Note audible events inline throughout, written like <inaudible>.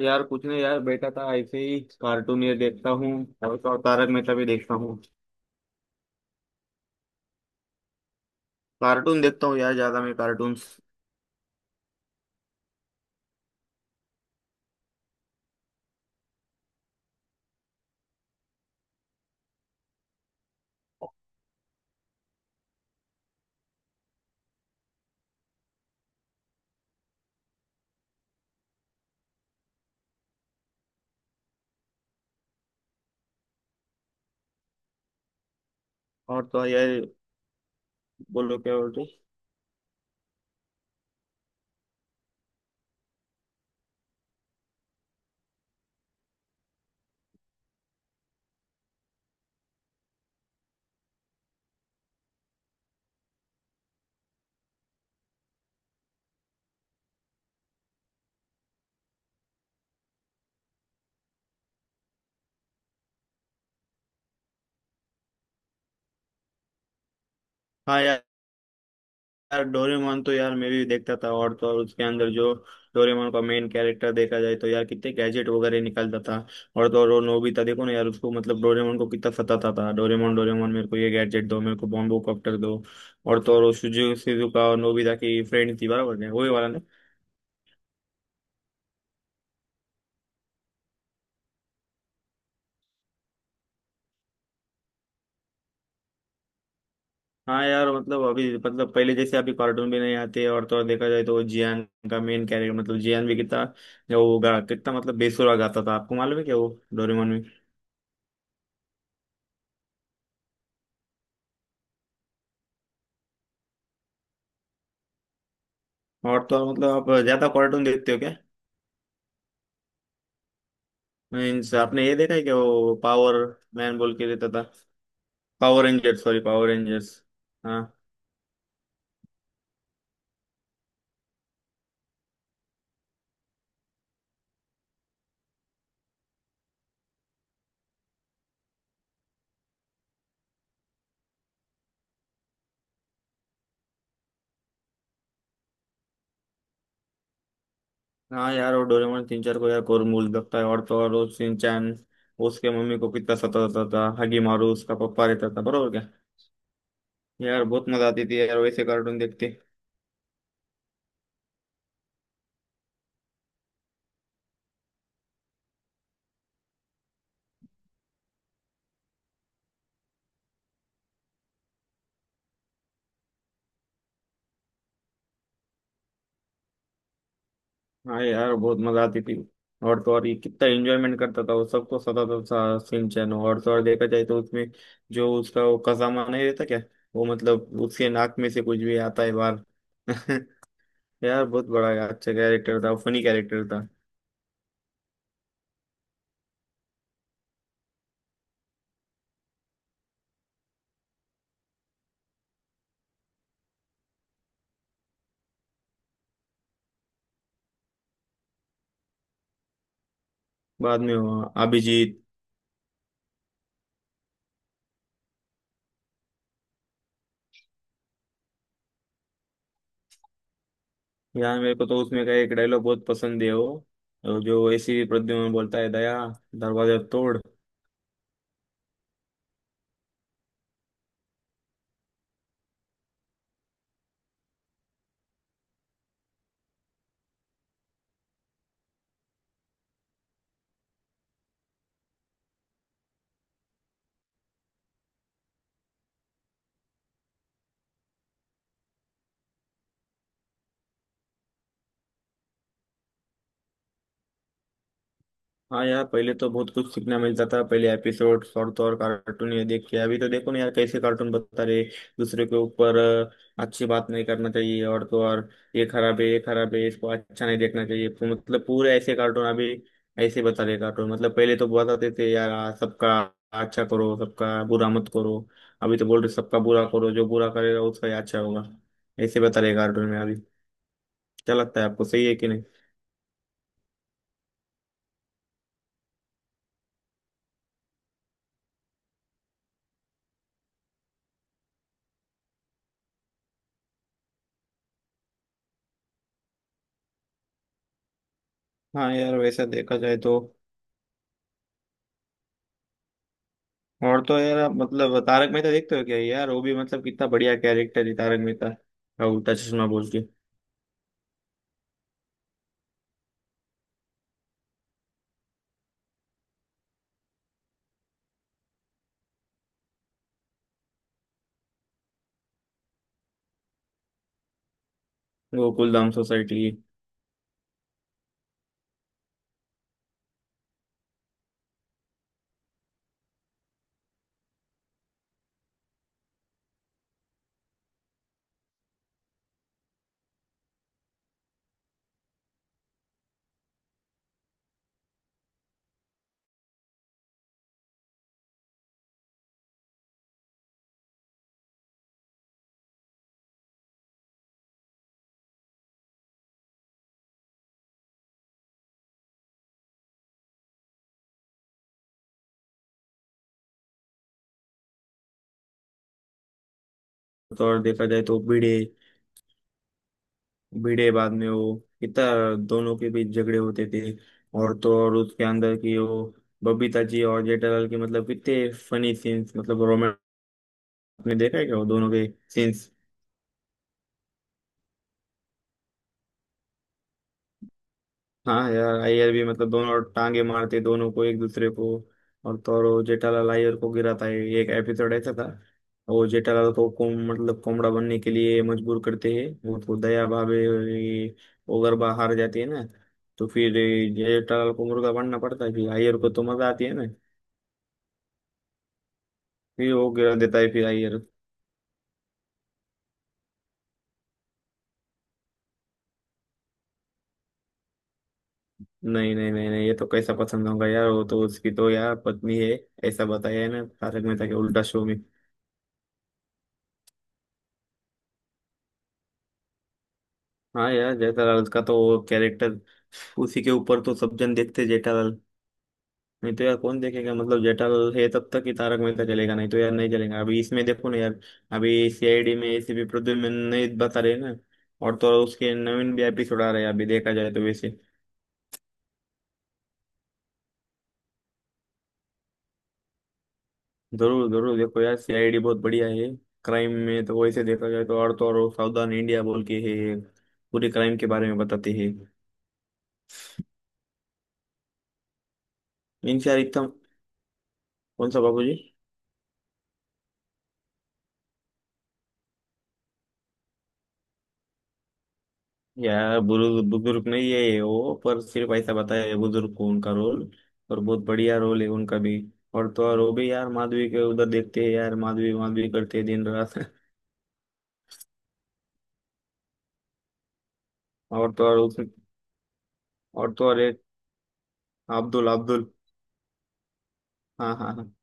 यार कुछ नहीं यार, बैठा था ऐसे ही कार्टून ये देखता हूँ। और तो और तारक मेहता भी देखता हूँ। कार्टून देखता हूँ यार, ज्यादा मैं कार्टून्स। और तो और यार बोलो क्या बोलते। हाँ यार। यार डोरेमोन तो यार मैं भी देखता था, और तो और उसके अंदर जो डोरेमोन का मेन कैरेक्टर देखा जाए तो यार कितने गैजेट वगैरह निकालता था। और तो और वो नोबिता देखो ना यार, उसको मतलब डोरेमोन को कितना सताता था। डोरेमोन डोरेमोन मेरे को ये गैजेट दो, मेरे को बॉम्बो कॉप्टर दो। और तो और वो सुजुकी सिजुका और नोबिता की फ्रेंड थी, बराबर है वही वाला। हाँ यार, मतलब अभी मतलब पहले जैसे अभी कार्टून भी नहीं आते। और तो और देखा जाए तो वो जियान का मेन कैरेक्टर मतलब जियान भी कितना वो गा कितना मतलब बेसुरा गाता था, आपको मालूम है क्या वो डोरेमोन में। और तो और मतलब आप ज्यादा कार्टून देखते हो क्या? मीन्स आपने ये देखा है क्या, वो पावर मैन बोल के देता था। Power rangers, sorry, power rangers. हाँ हाँ। यार वो डोरेमोन तीन चार को यार कोरमूल लगता है। और तो और वो शिनचैन उसके मम्मी को कितना सताता था। हगी मारू उसका पप्पा रहता था, बरोबर क्या? यार बहुत मजा आती थी यार, वैसे कार्टून देखते। हाँ यार, बहुत मजा आती थी। और तो और ये कितना एंजॉयमेंट करता था, वो सबको सताता था सिम चैन। और तो और देखा जाए तो उसमें जो उसका वो कसामा नहीं रहता क्या, वो मतलब उसके नाक में से कुछ भी आता है बाहर <laughs> यार बहुत बड़ा यार, अच्छा कैरेक्टर था, फनी कैरेक्टर था। बाद में वो अभिजीत। यार मेरे को तो उसमें का एक डायलॉग बहुत पसंद है, वो जो ऐसी प्रद्युमन बोलता है, दया दरवाजा तोड़। हाँ यार, पहले तो बहुत कुछ सीखने मिलता था पहले एपिसोड। और तो और कार्टून ये देख के अभी तो देखो ना यार, कैसे कार्टून बता रहे दूसरे के ऊपर। अच्छी बात नहीं करना चाहिए। और तो और ये खराब है, ये खराब है, इसको अच्छा नहीं देखना चाहिए, तो मतलब पूरे ऐसे कार्टून अभी ऐसे बता रहे कार्टून। मतलब पहले तो बताते थे यार, सबका अच्छा करो, सबका बुरा मत करो। अभी तो बोल रहे सबका बुरा करो, जो बुरा करेगा उसका ही अच्छा होगा। ऐसे बता रहे कार्टून में अभी। क्या लगता है आपको, सही है कि नहीं? हाँ यार, वैसा देखा जाए तो। और तो यार आप मतलब तारक मेहता देखते हो क्या यार? वो भी मतलब कितना बढ़िया कैरेक्टर है, तारक मेहता का उल्टा चश्मा बोल के। गोकुल धाम सोसाइटी। तो और देखा जाए तो भिड़े भिड़े बाद में वो कितना दोनों के बीच झगड़े होते थे। और तो और उसके अंदर की वो बबीता जी और जेठालाल के मतलब कितने फनी सीन्स, मतलब रोमांस में देखा है क्या वो दोनों के सीन्स? हाँ यार अय्यर भी, मतलब दोनों टांगे मारते दोनों को एक दूसरे को। और तो और वो जेठालाल अय्यर को गिराता है, एक एपिसोड ऐसा था। वो जेठालाल को कोम मतलब कोमड़ा बनने के लिए मजबूर करते हैं, वो तो दया भावे ये ओगरबा हार जाती है ना, तो फिर ये जेठालाल को मुर्गा बनना पड़ता है, फिर अय्यर को तो मजा आती है ना। फिर वो गिरा देता है फिर अय्यर। नहीं नहीं नहीं नहीं, ये तो कैसा पसंद होगा यार, वो तो उसकी तो यार पत्नी है, ऐसा बताया है ना तारक मेहता के उल्टा शो में। हाँ यार, जयता लाल का तो वो कैरेक्टर, उसी के ऊपर तो सब जन देखते जेठालाल, नहीं तो यार कौन देखेगा। मतलब जेठालाल है तब तक ही तारक मेहता चलेगा, नहीं तो यार नहीं चलेगा। अभी इसमें देखो ना यार, अभी सीआईडी में एसीपी प्रद्युम्न नहीं बता रहे ना। और तो और उसके नवीन भी एपिसोड आ रहे हैं अभी, देखा जाए तो वैसे। जरूर जरूर देखो यार, सीआईडी बहुत बढ़िया है। क्राइम में तो वैसे देखा जाए तो, और तो और सावधान इंडिया बोल के है, पूरे क्राइम के बारे में बताते हैं। इन यार एकदम। कौन सा बाबू जी? यार बुजुर्ग बुजुर्ग नहीं है ये, वो पर सिर्फ ऐसा बताया है बुजुर्ग को उनका रोल, और बहुत बढ़िया रोल है उनका भी। और तो और वो भी यार माधवी के उधर देखते हैं यार, माधवी माधवी करते हैं दिन रात <laughs> और तो और उस और तो और एक अब्दुल अब्दुल। हाँ हाँ हाँ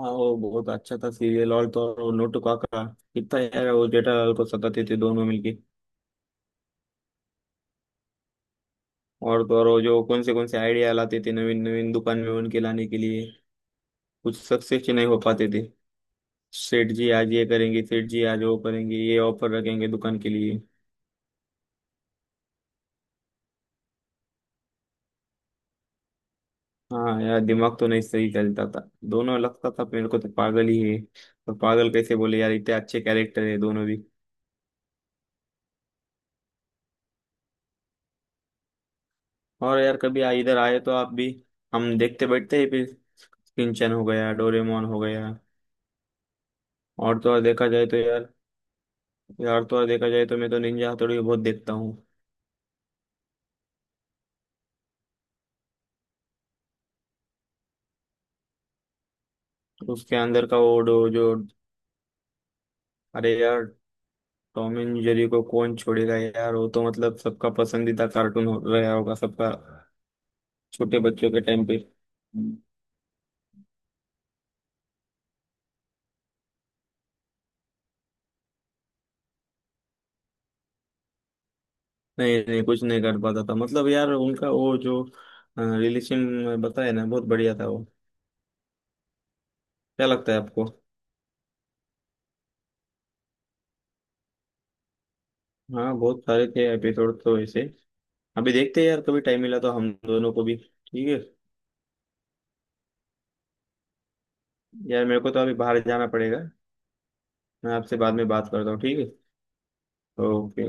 हाँ। वो बहुत अच्छा था सीरियल। और तो और वो नोटू काका, कितना यार वो जेठालाल को सताते थे दोनों मिलके। और तो और वो जो कौन से आइडिया लाते थे, नवीन नवीन दुकान में उनके लाने के लिए कुछ सक्सेस नहीं हो पाते थे। सेठ जी आज ये करेंगे, सेठ जी आज वो करेंगे, ये ऑफर रखेंगे दुकान के लिए। हाँ यार, दिमाग तो नहीं सही चलता था दोनों, लगता था मेरे को तो पागल ही है। पर पागल कैसे बोले यार, इतने अच्छे कैरेक्टर है दोनों भी। और यार कभी इधर आए तो आप भी हम देखते बैठते ही फिर किंचन हो गया, डोरेमोन हो गया। और तो और देखा जाए तो यार, यार तो और देखा जाए तो मैं तो निंजा हथौड़ी बहुत देखता हूँ। उसके अंदर का वो डो जो, अरे यार, टॉम एंड जेरी को कौन छोड़ेगा यार, वो तो मतलब सबका पसंदीदा कार्टून हो रहा होगा सबका, छोटे बच्चों के टाइम पे। नहीं नहीं कुछ नहीं कर पाता था, मतलब यार उनका वो जो रिलेशन बताया ना, बहुत बढ़िया था वो। क्या लगता है आपको? हाँ बहुत सारे थे एपिसोड तो ऐसे। अभी देखते हैं यार, कभी टाइम मिला तो हम दोनों को भी, ठीक है। यार मेरे को तो अभी बाहर जाना पड़ेगा, मैं आपसे बाद में बात करता हूँ, ठीक है? ओके।